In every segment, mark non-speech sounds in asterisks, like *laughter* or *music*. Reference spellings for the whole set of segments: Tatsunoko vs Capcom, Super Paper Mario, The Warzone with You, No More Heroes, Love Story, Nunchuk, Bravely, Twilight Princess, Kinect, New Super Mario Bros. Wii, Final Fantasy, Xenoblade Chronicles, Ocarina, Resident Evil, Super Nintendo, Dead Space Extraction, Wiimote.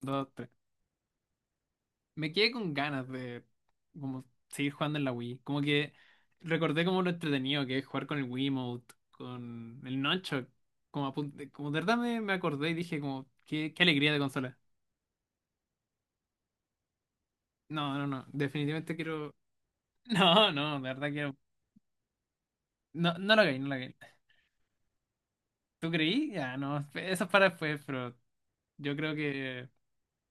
Dos, tres. Me quedé con ganas de como seguir jugando en la Wii. Como que recordé como lo entretenido que es jugar con el Wiimote, con el Nunchuk. Como, como de verdad me acordé y dije como, qué alegría de consola. No, no, no. Definitivamente quiero. *laughs* No, no, de verdad quiero. No, no lo hagáis, no lo hagáis. ¿Tú creí? Ya, no. Eso es para después, pero yo creo que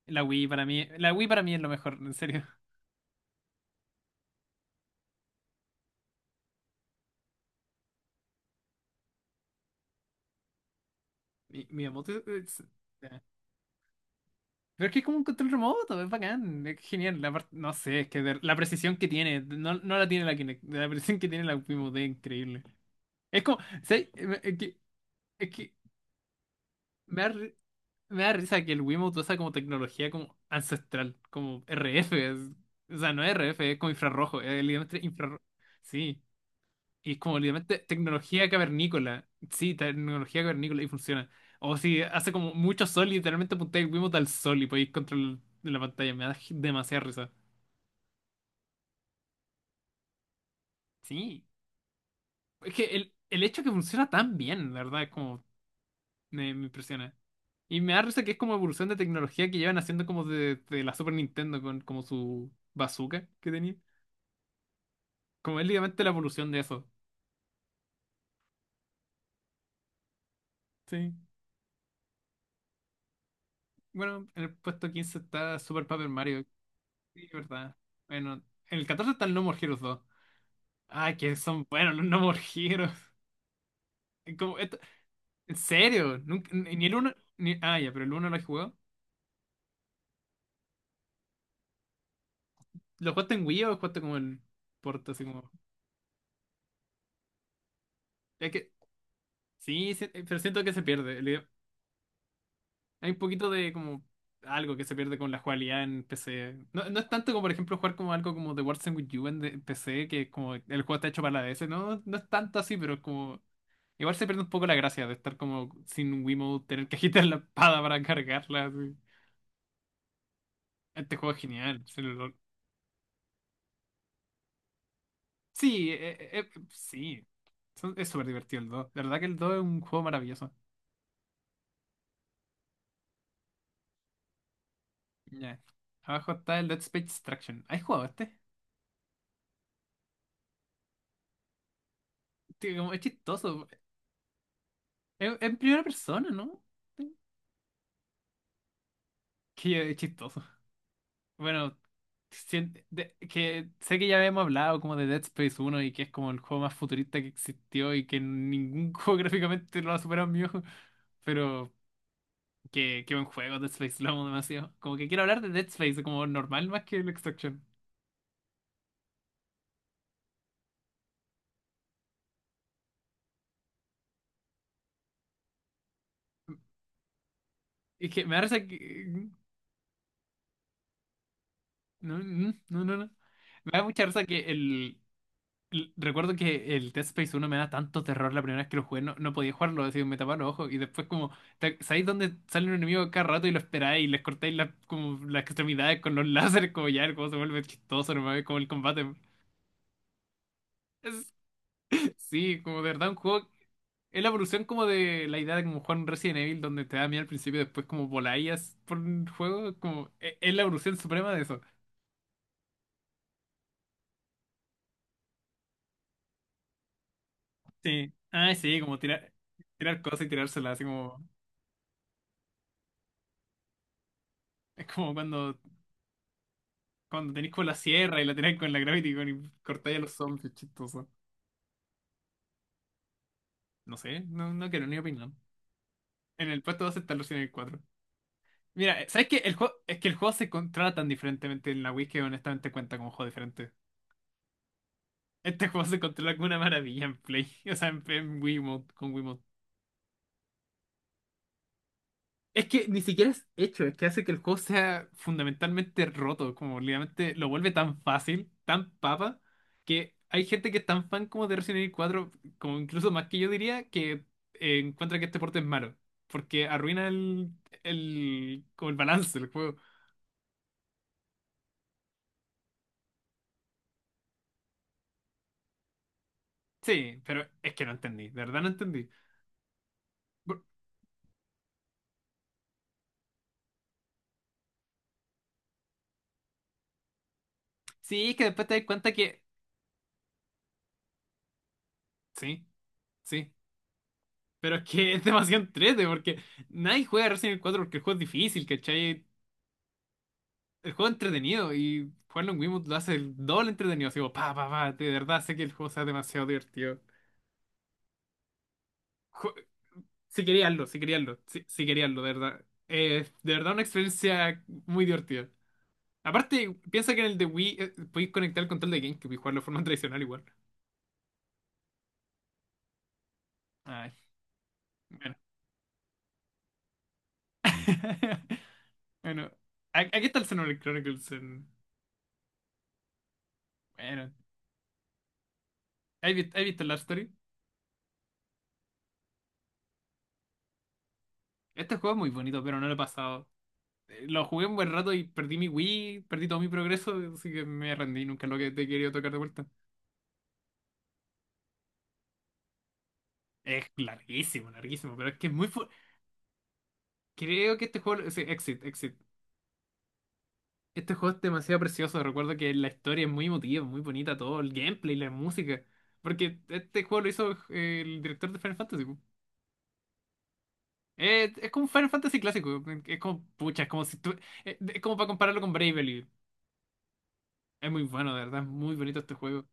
la Wii para mí. La Wii para mí es lo mejor, en serio. Miyamoto es- Pero es que es como un control remoto, es bacán, es genial. No sé, es que la precisión que tiene, no, no la tiene la Kinect, la precisión que tiene la Wii es increíble. Es como, ¿sabes? Es que, me da, ri- me da risa que el Wiimote usa como tecnología como ancestral, como RF. O sea, no es RF, es como infrarrojo, es literalmente infrarrojo. Sí, y es como literalmente tecnología cavernícola. Sí, tecnología cavernícola y funciona. O si hace como mucho sol y literalmente apuntáis el Wiimote al sol y podéis controlar la pantalla. Me da demasiada risa. Sí, es que el hecho que funciona tan bien, la verdad, es como me impresiona. Y me da risa que es como evolución de tecnología que llevan haciendo como de la Super Nintendo con como su bazooka que tenía. Como es literalmente la evolución de eso. Sí. Bueno, en el puesto 15 está Super Paper Mario. Sí, verdad. Bueno, en el 14 está el No More Heroes 2. Ay, que son buenos los No More Heroes. *laughs* Es como, en serio, nunca, ni el uno. Ni, ah, ya, pero el uno lo he jugado. ¿Lo jugaste en Wii o lo jugaste como en Porta, así como? Es que sí, sí, pero siento que se pierde. Hay un poquito de como algo que se pierde con la jugabilidad en PC. No, no es tanto como, por ejemplo, jugar como algo como The Warzone with You en PC, que es como el juego está hecho para la DS. No, no es tanto así, pero es como. Igual se pierde un poco la gracia de estar como sin Wiimote, tener que *laughs* agitar la espada para cargarla. Así. Este juego es genial. Sí, sí. Es súper divertido el dos. La verdad que el 2 es un juego maravilloso. Ya. Abajo está el Dead Space Extraction. ¿Has jugado este? Tío, como es chistoso. En primera persona, ¿no? Que es chistoso. Bueno, que sé que ya habíamos hablado como de Dead Space uno y que es como el juego más futurista que existió y que ningún juego *laughs* gráficamente lo ha superado en mi ojo. Pero que qué buen juego, Dead Space, lo amo demasiado. Como que quiero hablar de Dead Space como normal más que el Extraction. Y que me da risa que... No, no, no, no. No. Me da mucha risa que recuerdo que el Dead Space 1 me da tanto terror la primera vez que lo jugué, no podía jugarlo, así me tapaban los ojos y después como, ¿sabéis dónde sale un enemigo cada rato y lo esperáis y les cortáis las como las extremidades con los láseres, como ya, como se vuelve chistoso nomás, como el combate? Es- sí, como de verdad un juego, es la evolución como de la idea de como jugar un Resident Evil donde te da miedo al principio y después como voláis por un juego, como, es la evolución suprema de eso. Sí, ah, sí, como tirar cosas y tirárselas, así como, es como cuando... Cuando tenéis con la sierra y la tenéis con la gravity gun y cortáis a los zombies, chistoso. No sé, no quiero ni opinar. En el puesto 2 está Resident Evil 4. Mira, ¿sabes qué? El juego, es que el juego se controla tan diferentemente en la Wii que honestamente cuenta como un juego diferente. Este juego se controla con una maravilla en Play, *laughs* o sea, en Wiimote, con Wii. Es que ni siquiera es hecho, es que hace que el juego sea fundamentalmente roto, como literalmente lo vuelve tan fácil, tan papa, que hay gente que es tan fan como de Resident Evil 4 como incluso más que yo diría, que encuentra que este porte es malo, porque arruina como el balance del juego. Sí, pero es que no entendí, de verdad no entendí. Bu- Sí, es que después te das cuenta que... Sí, sí, pero es que *laughs* es demasiado entrete, porque nadie juega Resident Evil 4 porque el juego es difícil, ¿cachai? El juego es entretenido y jugarlo en Wiimote lo hace el doble entretenido. Así como, pa, pa, pa, de verdad sé que el juego sea demasiado divertido. Ju- si quería hazlo, si quería hazlo, si quería hazlo, de verdad. De verdad una experiencia muy divertida. Aparte, piensa que en el de Wii podéis conectar el control de GameCube y jugarlo de forma *laughs* tradicional igual. Ay, bueno. *laughs* Bueno, aquí está el Xenoblade Chronicles. Bueno, ¿ has visto Love Story? Este juego es muy bonito, pero no lo he pasado. Lo jugué un buen rato y perdí mi Wii, perdí todo mi progreso, así que me rendí, nunca lo que te he querido tocar de vuelta. Es larguísimo, larguísimo, pero es que es muy... Creo que este juego... Sí, Exit, Exit. Este juego es demasiado precioso, recuerdo que la historia es muy emotiva, muy bonita, todo el gameplay, la música. Porque este juego lo hizo el director de Final Fantasy, po. Es como un Final Fantasy clásico, es como... Pucha, es como si tú... Es como para compararlo con Bravely. Es muy bueno, de verdad, es muy bonito este juego.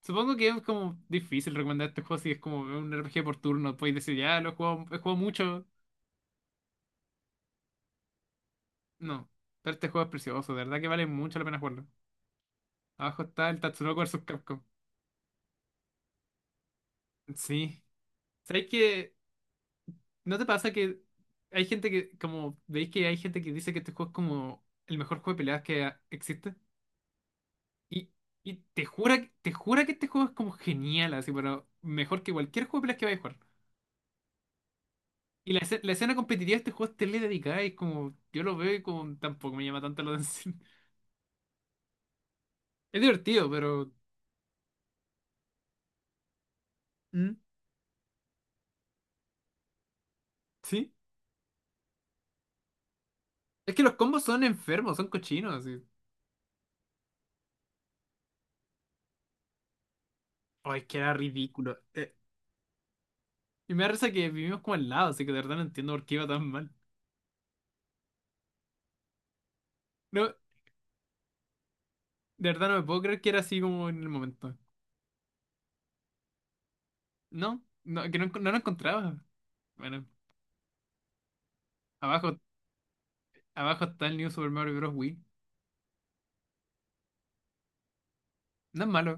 Supongo que es como difícil recomendar este juego si es como un RPG por turno. Podéis decir, ya lo he jugado mucho. No, pero este juego es precioso, de verdad que vale mucho la pena jugarlo. Abajo está el Tatsunoko vs Capcom. Sí. ¿Sabéis que no te pasa que hay gente que, como veis que hay gente que dice que este juego es como el mejor juego de peleas que existe? Y, y te jura que este juego es como genial, así, pero mejor que cualquier juego de peleas que vayas a jugar. Y la escena competitiva de este juego es tele dedicada y es como, yo lo veo y como tampoco me llama tanto la atención. *laughs* Es divertido, pero... ¿Mm? ¿Sí? Es que los combos son enfermos, son cochinos, así. Ay, es que era ridículo. Y me da risa que vivimos como al lado, así que de verdad no entiendo por qué iba tan mal. No, de verdad no me puedo creer que era así como en el momento. No, no, que no, no lo encontraba. Bueno, abajo, abajo está el New Super Mario Bros. Wii. No es malo.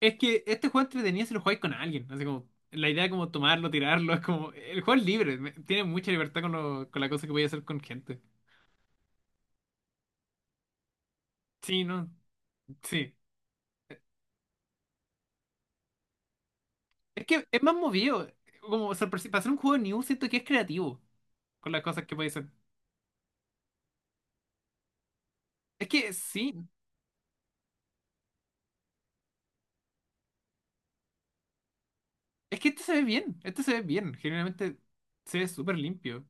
Es que este juego entretenido si lo jugáis con alguien. Así como, la idea de como tomarlo, tirarlo, es como. El juego es libre, tiene mucha libertad con la cosa que voy a hacer con gente. Sí, no, sí. Es que es más movido. Como para hacer un juego de New, siento que es creativo con las cosas que puede hacer. Es que sí, es que este se ve bien, este se ve bien, generalmente se ve súper limpio.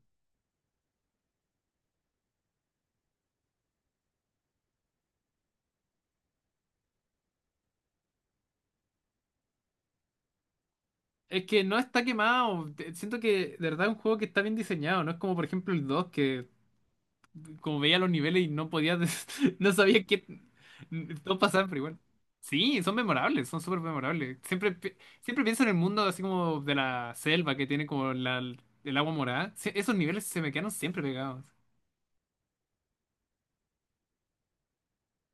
Es que no está quemado, siento que de verdad es un juego que está bien diseñado, no es como por ejemplo el 2 que como veía los niveles y no podía, *laughs* no sabía qué, todo pasaba, pero igual. Sí, son memorables, son súper memorables. Siempre, siempre pienso en el mundo así como de la selva que tiene como el agua morada. Sí, esos niveles se me quedaron siempre pegados.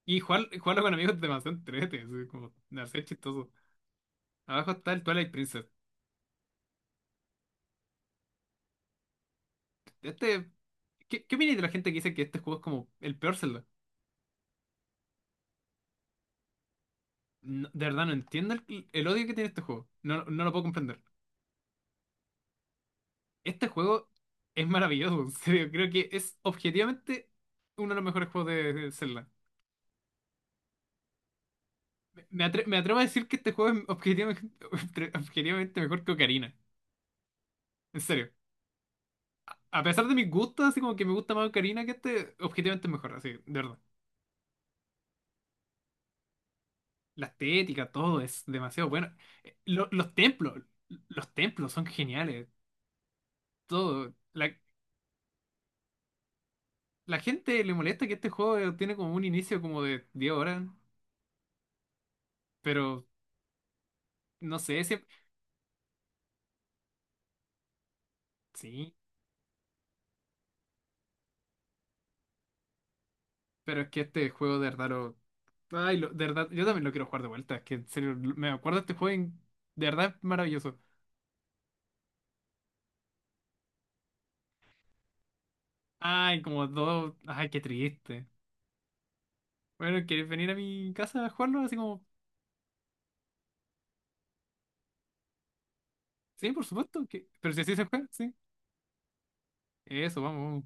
Y jugarlo con amigos es demasiado entrete, así como hacer chistoso. Abajo está el Twilight Princess. Este, ¿qué opinas de la gente que dice que este juego es como el peor Zelda? No, de verdad no entiendo el odio que tiene este juego. No, no lo puedo comprender. Este juego es maravilloso, en serio. Creo que es objetivamente uno de los mejores juegos de Zelda. Me atrevo a decir que este juego es objetivamente, *laughs* objetivamente mejor que Ocarina. En serio. A pesar de mis gustos, así como que me gusta más Ocarina que este, objetivamente es mejor, así, de verdad. La estética, todo es demasiado bueno. Los templos, los templos son geniales. Todo. La gente le molesta que este juego tiene como un inicio como de 10 horas, pero no sé, siempre. Sí. Pero es que este juego de verdad lo... Ay, de verdad, yo también lo quiero jugar de vuelta. Es que en serio, me acuerdo de este juego y de verdad es maravilloso. Ay, como dos... Ay, qué triste. Bueno, ¿quieres venir a mi casa a jugarlo? Así como... Sí, por supuesto, pero si así se juega, sí. Eso, vamos.